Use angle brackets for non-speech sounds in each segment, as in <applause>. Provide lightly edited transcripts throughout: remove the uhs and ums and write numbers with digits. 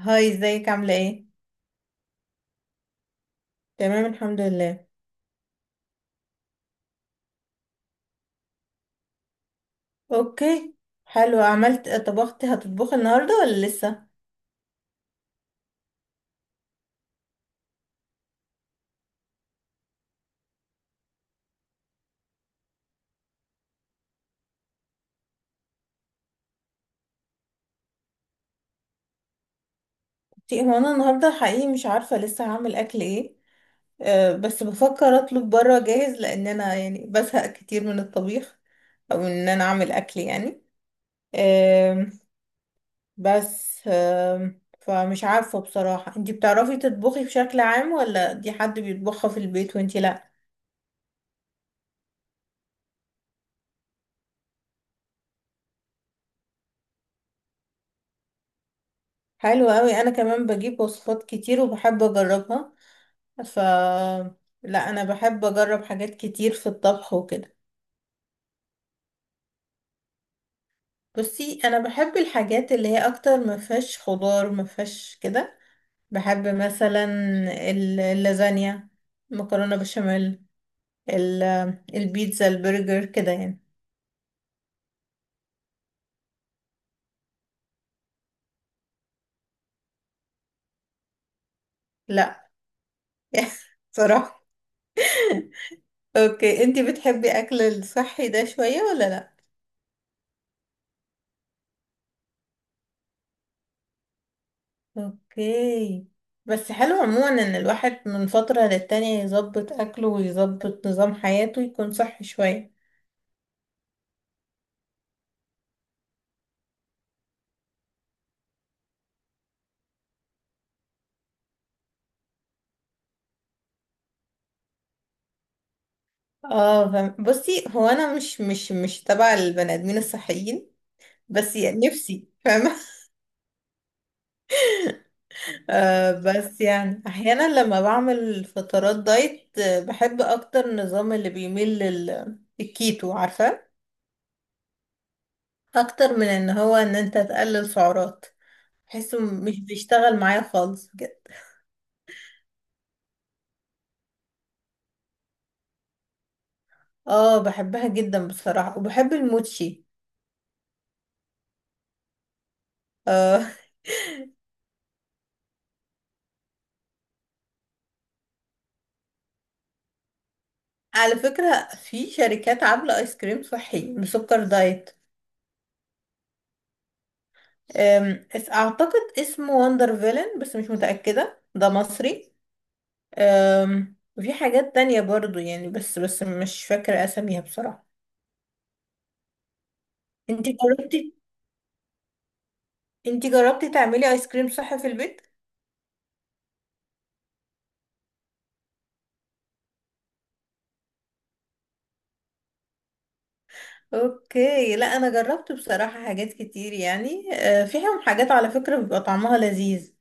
هاي، ازيك عاملة ايه؟ تمام الحمد لله. اوكي. حلو، عملت طبختي هتطبخي النهاردة ولا لسه؟ هو انا النهاردة حقيقي مش عارفة لسه هعمل اكل ايه. أه بس بفكر اطلب برا جاهز، لان انا يعني بزهق كتير من الطبيخ، او ان انا اعمل اكل يعني. أه. بس. فمش عارفة بصراحة، انتي بتعرفي تطبخي بشكل عام ولا دي حد بيطبخها في البيت وانتي لا؟ حلو قوي، انا كمان بجيب وصفات كتير وبحب اجربها. ف لا انا بحب اجرب حاجات كتير في الطبخ وكده. بصي انا بحب الحاجات اللي هي اكتر ما فيهاش خضار، ما فيهاش كده. بحب مثلا اللازانيا، مكرونه بشاميل، ال- البيتزا، البرجر، كده يعني. لا. <laughs> صراحه. اوكي، انتي بتحبي اكل الصحي ده شويه ولا لا؟ اوكي. بس حلو عموما ان الواحد من فتره للتانيه يظبط اكله ويظبط نظام حياته، يكون صحي شويه. اه فاهم. بصي هو انا مش تبع البني ادمين الصحيين، بس يعني نفسي فاهمة. <laughs> آه بس يعني احيانا لما بعمل فترات دايت، بحب اكتر النظام اللي بيميل للكيتو، عارفة؟ اكتر من ان هو ان انت تقلل سعرات. بحسه مش بيشتغل معايا خالص بجد. اه بحبها جدا بصراحة، وبحب الموتشي. آه. <laughs> على فكرة، في شركات عاملة ايس كريم صحي بسكر دايت. اعتقد اسمه وندر فيلن، بس مش متأكدة ده مصري. وفي حاجات تانية برضو يعني، بس مش فاكرة اساميها بصراحة. انتي جربتي انتي جربتي تعملي ايس كريم صح في البيت؟ اوكي. لا انا جربت بصراحة حاجات كتير يعني، فيهم حاجات على فكرة بيبقى طعمها لذيذ.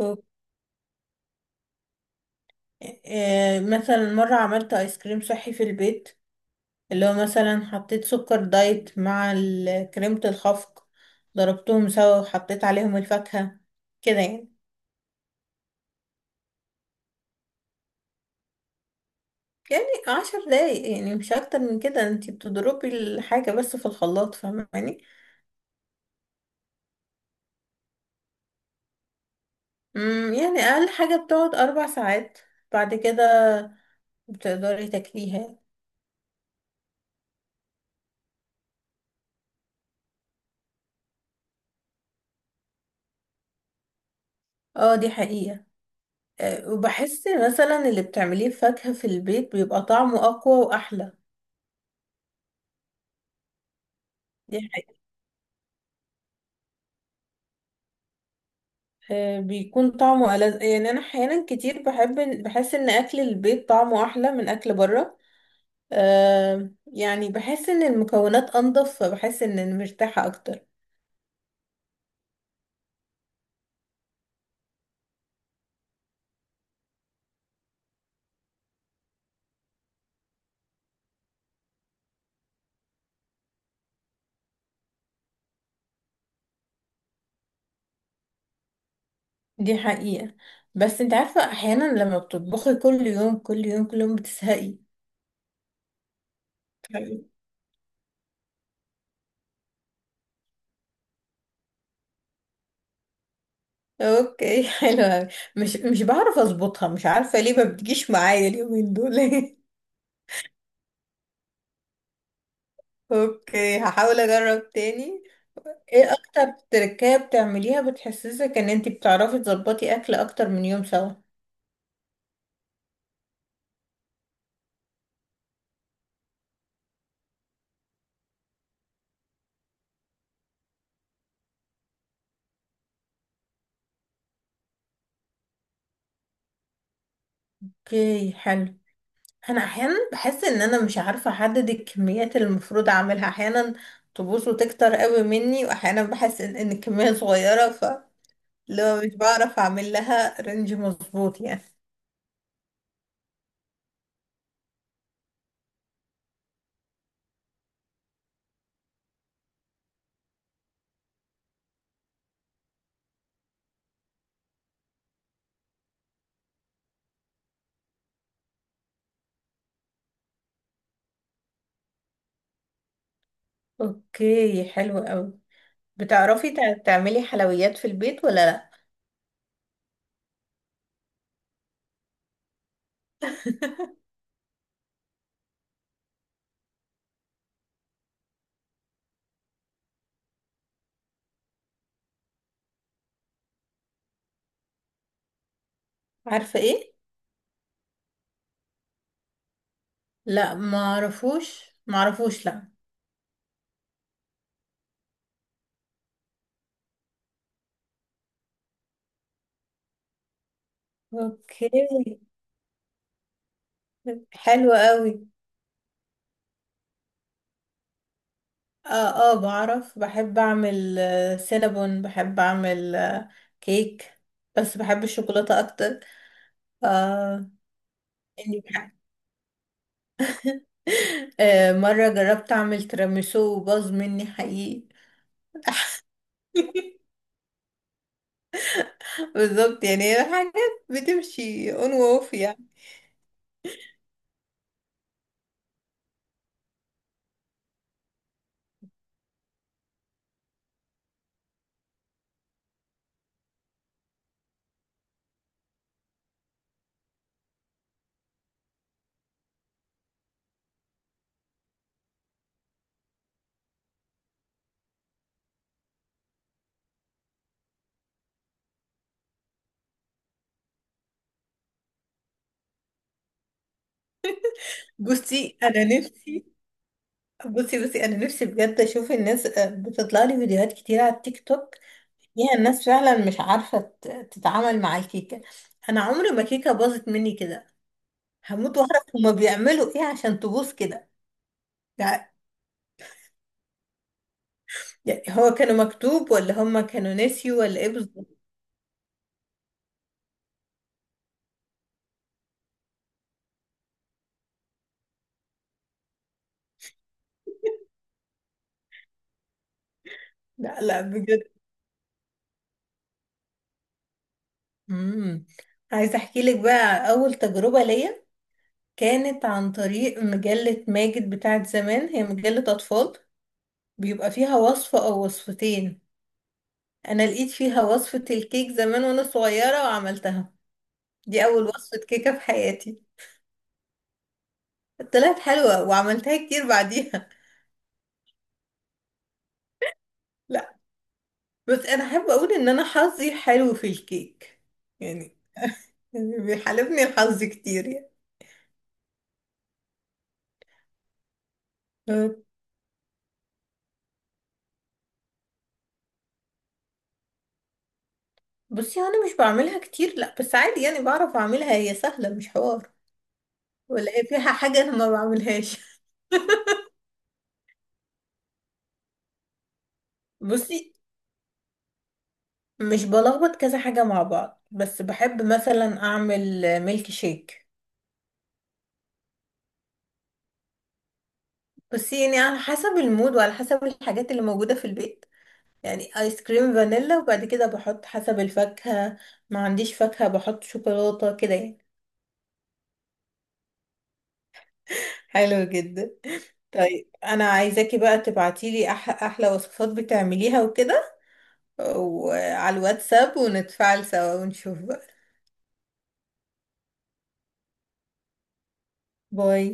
أوك- مثلا مرة عملت ايس كريم صحي في البيت، اللي هو مثلا حطيت سكر دايت مع كريمة الخفق، ضربتهم سوا وحطيت عليهم الفاكهة، كده يعني. يعني 10 دقايق يعني، مش أكتر من كده، انتي بتضربي الحاجة بس في الخلاط، فاهماني؟ يعني أقل حاجة بتقعد 4 ساعات، بعد كده بتقدري تاكليها. اه دي حقيقة. وبحس مثلا اللي بتعمليه فاكهة في البيت بيبقى طعمه أقوى وأحلى. دي آه، بيكون طعمه ألذ، يعني انا احيانا كتير بحب بحس ان اكل البيت طعمه احلى من اكل بره. يعني بحس ان المكونات انضف، فبحس ان انا مرتاحة اكتر. دي حقيقة. بس انت عارفة احيانا لما بتطبخي كل يوم كل يوم كل يوم بتزهقي. حقيقي. اوكي <laughs> حلو أوي. مش مش بعرف اظبطها، مش عارفة ليه ما بتجيش معايا اليومين دول. <laughs> اوكي هحاول اجرب تاني. ايه اكتر تركية بتعمليها بتحسسك ان انتي بتعرفي تظبطي اكل اكتر من يوم سوا؟ اوكي حلو. انا احيانا بحس ان انا مش عارفة احدد الكميات اللي المفروض اعملها، احيانا تبوظ وتكتر قوي مني، واحيانا بحس إن الكمية صغيرة. لو مش بعرف اعمل لها رينج مظبوط يعني. اوكي حلو قوي. بتعرفي تعملي حلويات في البيت ولا لا؟ عارفة ايه؟ لا، ما اعرفوش، ما اعرفوش، لا. اوكي حلو قوي. اه اه بعرف، بحب اعمل سينابون، بحب اعمل كيك، بس بحب الشوكولاتة اكتر. آه. اني بحب. <laughs> آه مرة جربت اعمل تيراميسو وباظ مني حقيقي. <laughs> بالظبط، يعني هي حاجات بتمشي اون واوف يعني. بصي انا نفسي بصي انا نفسي بجد اشوف الناس، بتطلع لي فيديوهات كتير على التيك توك، فيها الناس فعلا مش عارفة تتعامل مع الكيكة. انا عمري ما كيكة باظت مني كده. هموت واعرف هما بيعملوا ايه عشان تبوظ كده يعني. يعني هو كانوا مكتوب ولا هما كانوا نسيوا ولا ايه بالظبط؟ لا لا بجد. امم. عايزه احكي لك بقى على اول تجربه ليا. كانت عن طريق مجله ماجد بتاعت زمان، هي مجله اطفال، بيبقى فيها وصفه او وصفتين. انا لقيت فيها وصفه الكيك زمان وانا صغيره وعملتها. دي اول وصفه كيكه في حياتي. طلعت حلوه وعملتها كتير بعديها. <laughs> بس انا احب اقول ان انا حظي حلو في الكيك يعني. يعني بيحالفني الحظ كتير يعني. أه. بصي انا مش بعملها كتير لا، بس عادي يعني بعرف اعملها، هي سهله مش حوار، ولا هي فيها حاجه انا ما بعملهاش. <laughs> بصي، مش بلخبط كذا حاجه مع بعض، بس بحب مثلا اعمل ميلك شيك. بس يعني على حسب المود وعلى حسب الحاجات اللي موجوده في البيت. يعني ايس كريم فانيلا، وبعد كده بحط حسب الفاكهه، ما عنديش فاكهه بحط شوكولاته كده يعني. حلو جدا. طيب انا عايزاكي بقى تبعتيلي احلى وصفات بتعمليها وكده، وعلى الواتساب ونتفاعل سوا ونشوف بقى. باي.